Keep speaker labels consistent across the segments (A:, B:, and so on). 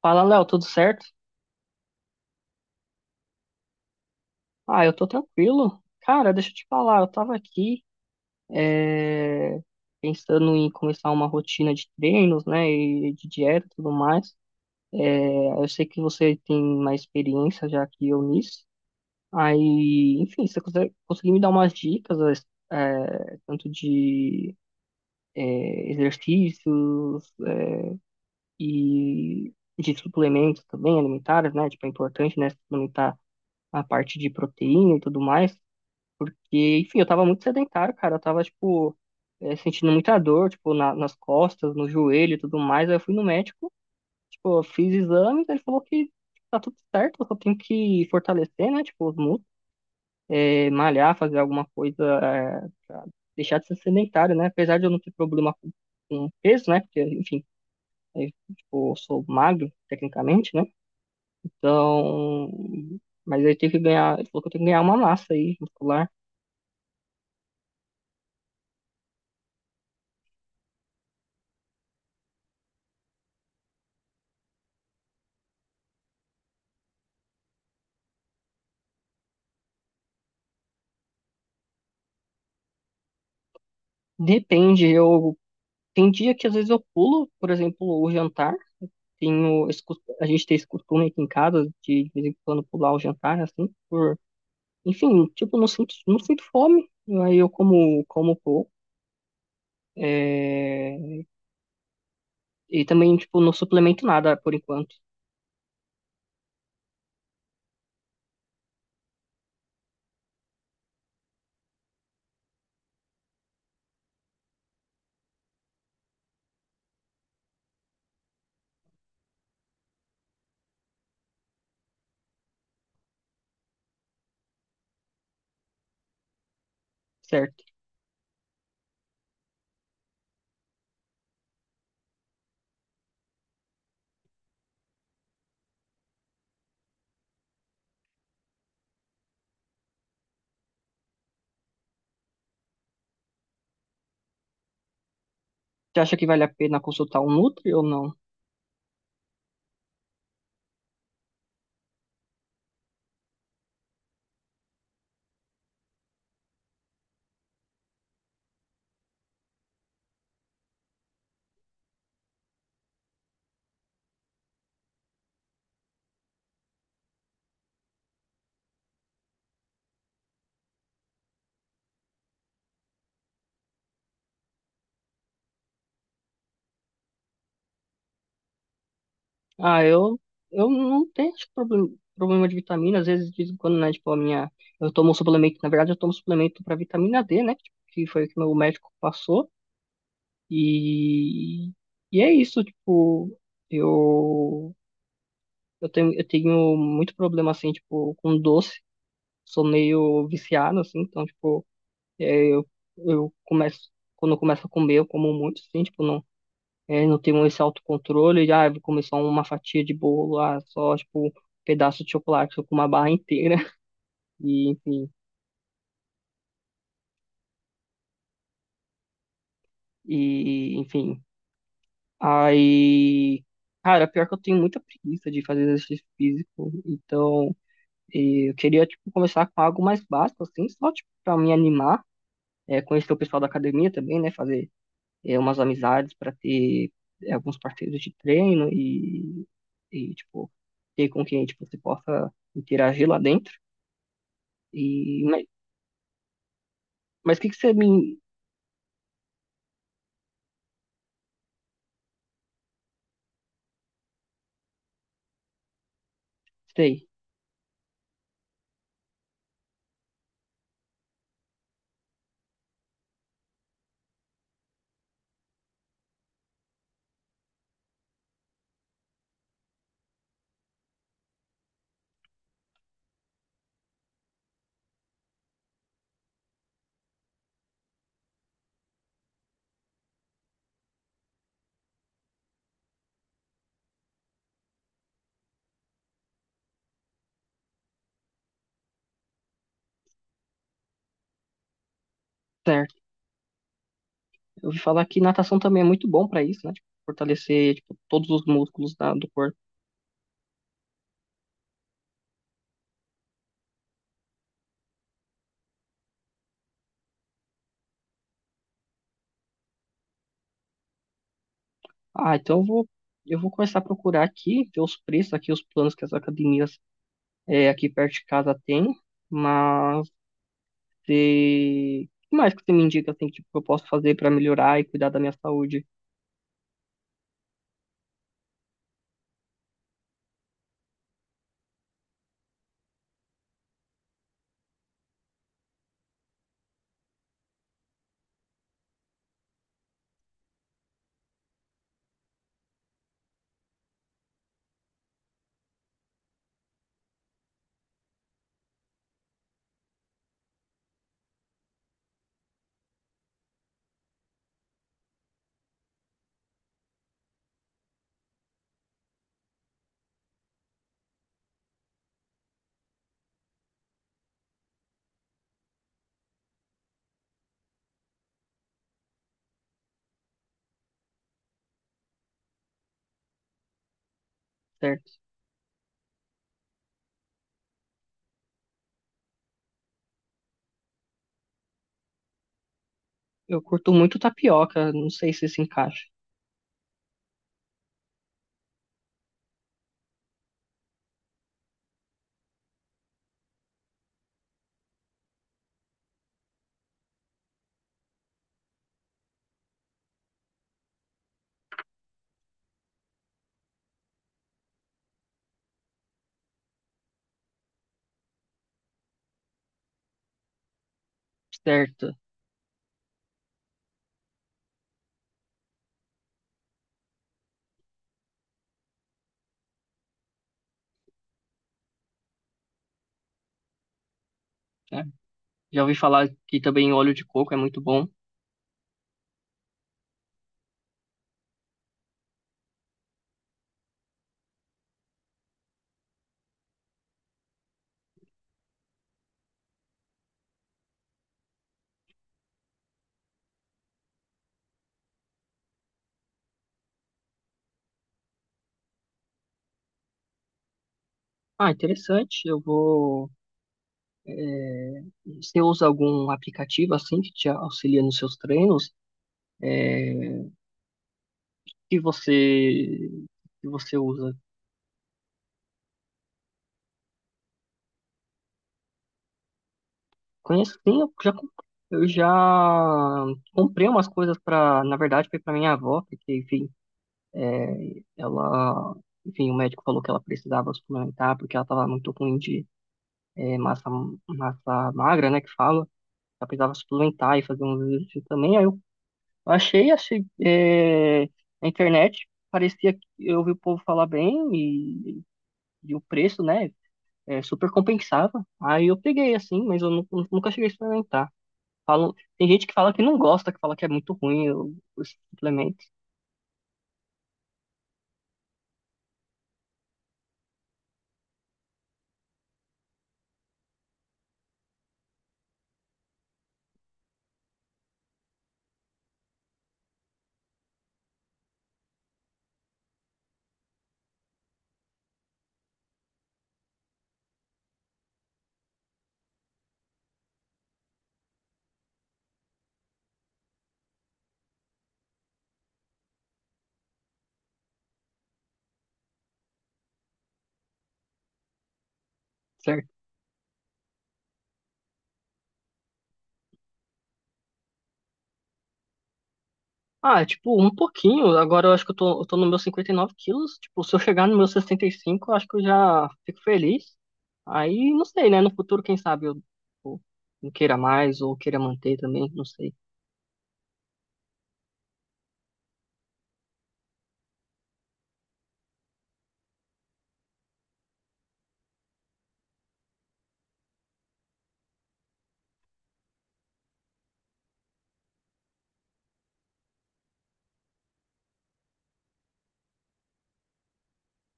A: Fala, Léo, tudo certo? Ah, eu tô tranquilo. Cara, deixa eu te falar, eu tava aqui pensando em começar uma rotina de treinos, né, e de dieta e tudo mais. É, eu sei que você tem mais experiência já que eu nisso. Aí, enfim, se você consegue, conseguir me dar umas dicas, tanto de exercícios e de suplementos também alimentares, né? Tipo, é importante, né, suplementar a parte de proteína e tudo mais. Porque, enfim, eu tava muito sedentário, cara. Eu tava, tipo, sentindo muita dor, tipo, nas costas, no joelho e tudo mais. Aí eu fui no médico, tipo, eu fiz exames, ele falou que tá tudo certo, eu só tenho que fortalecer, né? Tipo, os músculos, malhar, fazer alguma coisa, pra deixar de ser sedentário, né? Apesar de eu não ter problema com peso, né? Porque, enfim, eh, tipo, eu sou magro, tecnicamente, né? Então, mas aí tem que ganhar, ele falou que eu tenho que ganhar uma massa aí, muscular. Depende, eu. Tem dia que às vezes eu pulo, por exemplo, o jantar. A gente tem esse costume aqui em casa de vez em quando pular o jantar, assim, por, enfim, tipo, não sinto fome. Aí eu como, como pouco. É, e também, tipo, não suplemento nada por enquanto, certo? Você acha que vale a pena consultar um Nutri ou não? Ah, eu, eu não tenho acho, problema de vitamina, às vezes, de vez em quando, né? Tipo, a minha. Eu tomo um suplemento, na verdade, eu tomo suplemento para vitamina D, né? Tipo, que foi o que meu médico passou. E, e é isso, tipo, eu, eu tenho muito problema, assim, tipo, com doce. Sou meio viciado, assim, então, tipo, é, eu, eu começo, quando eu começo a comer, eu como muito, assim, tipo, não tenho esse autocontrole de, ah, eu vou comer só uma fatia de bolo, ah, só, tipo, um pedaço de chocolate, eu como uma barra inteira, e, enfim. Aí, cara, pior que eu tenho muita preguiça de fazer exercício físico, então... E eu queria, tipo, começar com algo mais básico, assim, só, tipo, pra me animar, conhecer o pessoal da academia também, né? Fazer umas amizades para ter alguns parceiros de treino e, tipo, ter com quem, tipo, você possa interagir lá dentro. E, mas o que que você me... Sei, certo. Eu ouvi falar que natação também é muito bom para isso, né? Tipo, fortalecer, tipo, todos os músculos da, do corpo. Ah, então eu vou... Eu vou começar a procurar aqui, ver os preços aqui, os planos que as academias é, aqui perto de casa tem, mas e... o que mais que você me indica assim, que eu posso fazer para melhorar e cuidar da minha saúde, certo? Eu curto muito tapioca, não sei se se encaixa, certo? É. Já ouvi falar que também óleo de coco é muito bom. Ah, interessante. Eu vou. Você usa algum aplicativo assim que te auxilia nos seus treinos? Que você que você usa? Conheço sim, eu já comprei umas coisas para, na verdade, foi para minha avó, porque enfim, Ela, enfim, o médico falou que ela precisava suplementar porque ela estava muito ruim de eh, massa, massa magra, né, que fala. Ela precisava suplementar e fazer um exercício também. Achei na internet, parecia que eu ouvi o povo falar bem e o preço, né, super compensava. Aí eu peguei assim, mas eu nunca cheguei a experimentar. Falam, tem gente que fala que não gosta, que fala que é muito ruim o- os suplementos, certo? Ah, tipo, um pouquinho. Agora eu acho que eu tô no meu 59 quilos. Tipo, se eu chegar no meu 65, eu acho que eu já fico feliz. Aí, não sei, né? No futuro, quem sabe eu não queira mais ou queira manter também, não sei.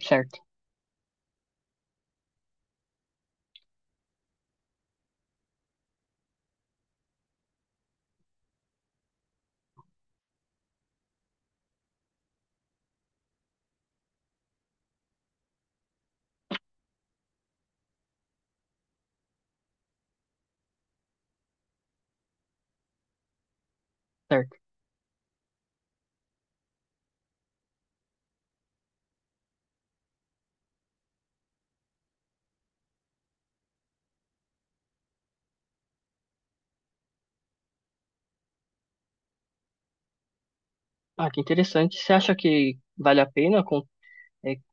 A: Certo, certo. Ah, que interessante. Você acha que vale a pena con-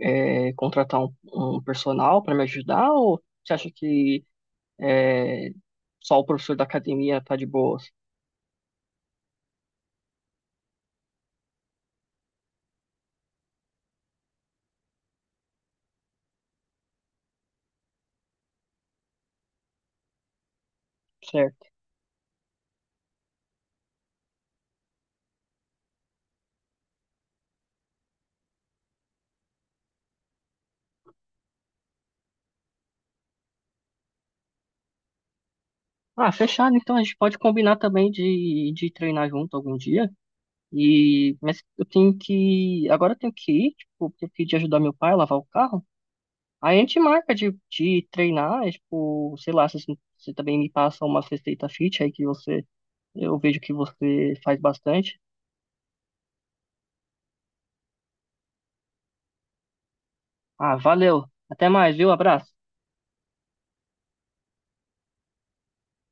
A: É, é, contratar um personal para me ajudar? Ou você acha que é, só o professor da academia tá de boas? Certo. Ah, fechado. Então a gente pode combinar também de treinar junto algum dia. E, mas eu tenho que. Agora eu tenho que ir, tipo, porque eu pedi ajudar meu pai a lavar o carro. Aí a gente marca de treinar, é, tipo, sei lá, se você também me passa uma receita fit aí que você. Eu vejo que você faz bastante. Ah, valeu. Até mais, viu? Abraço.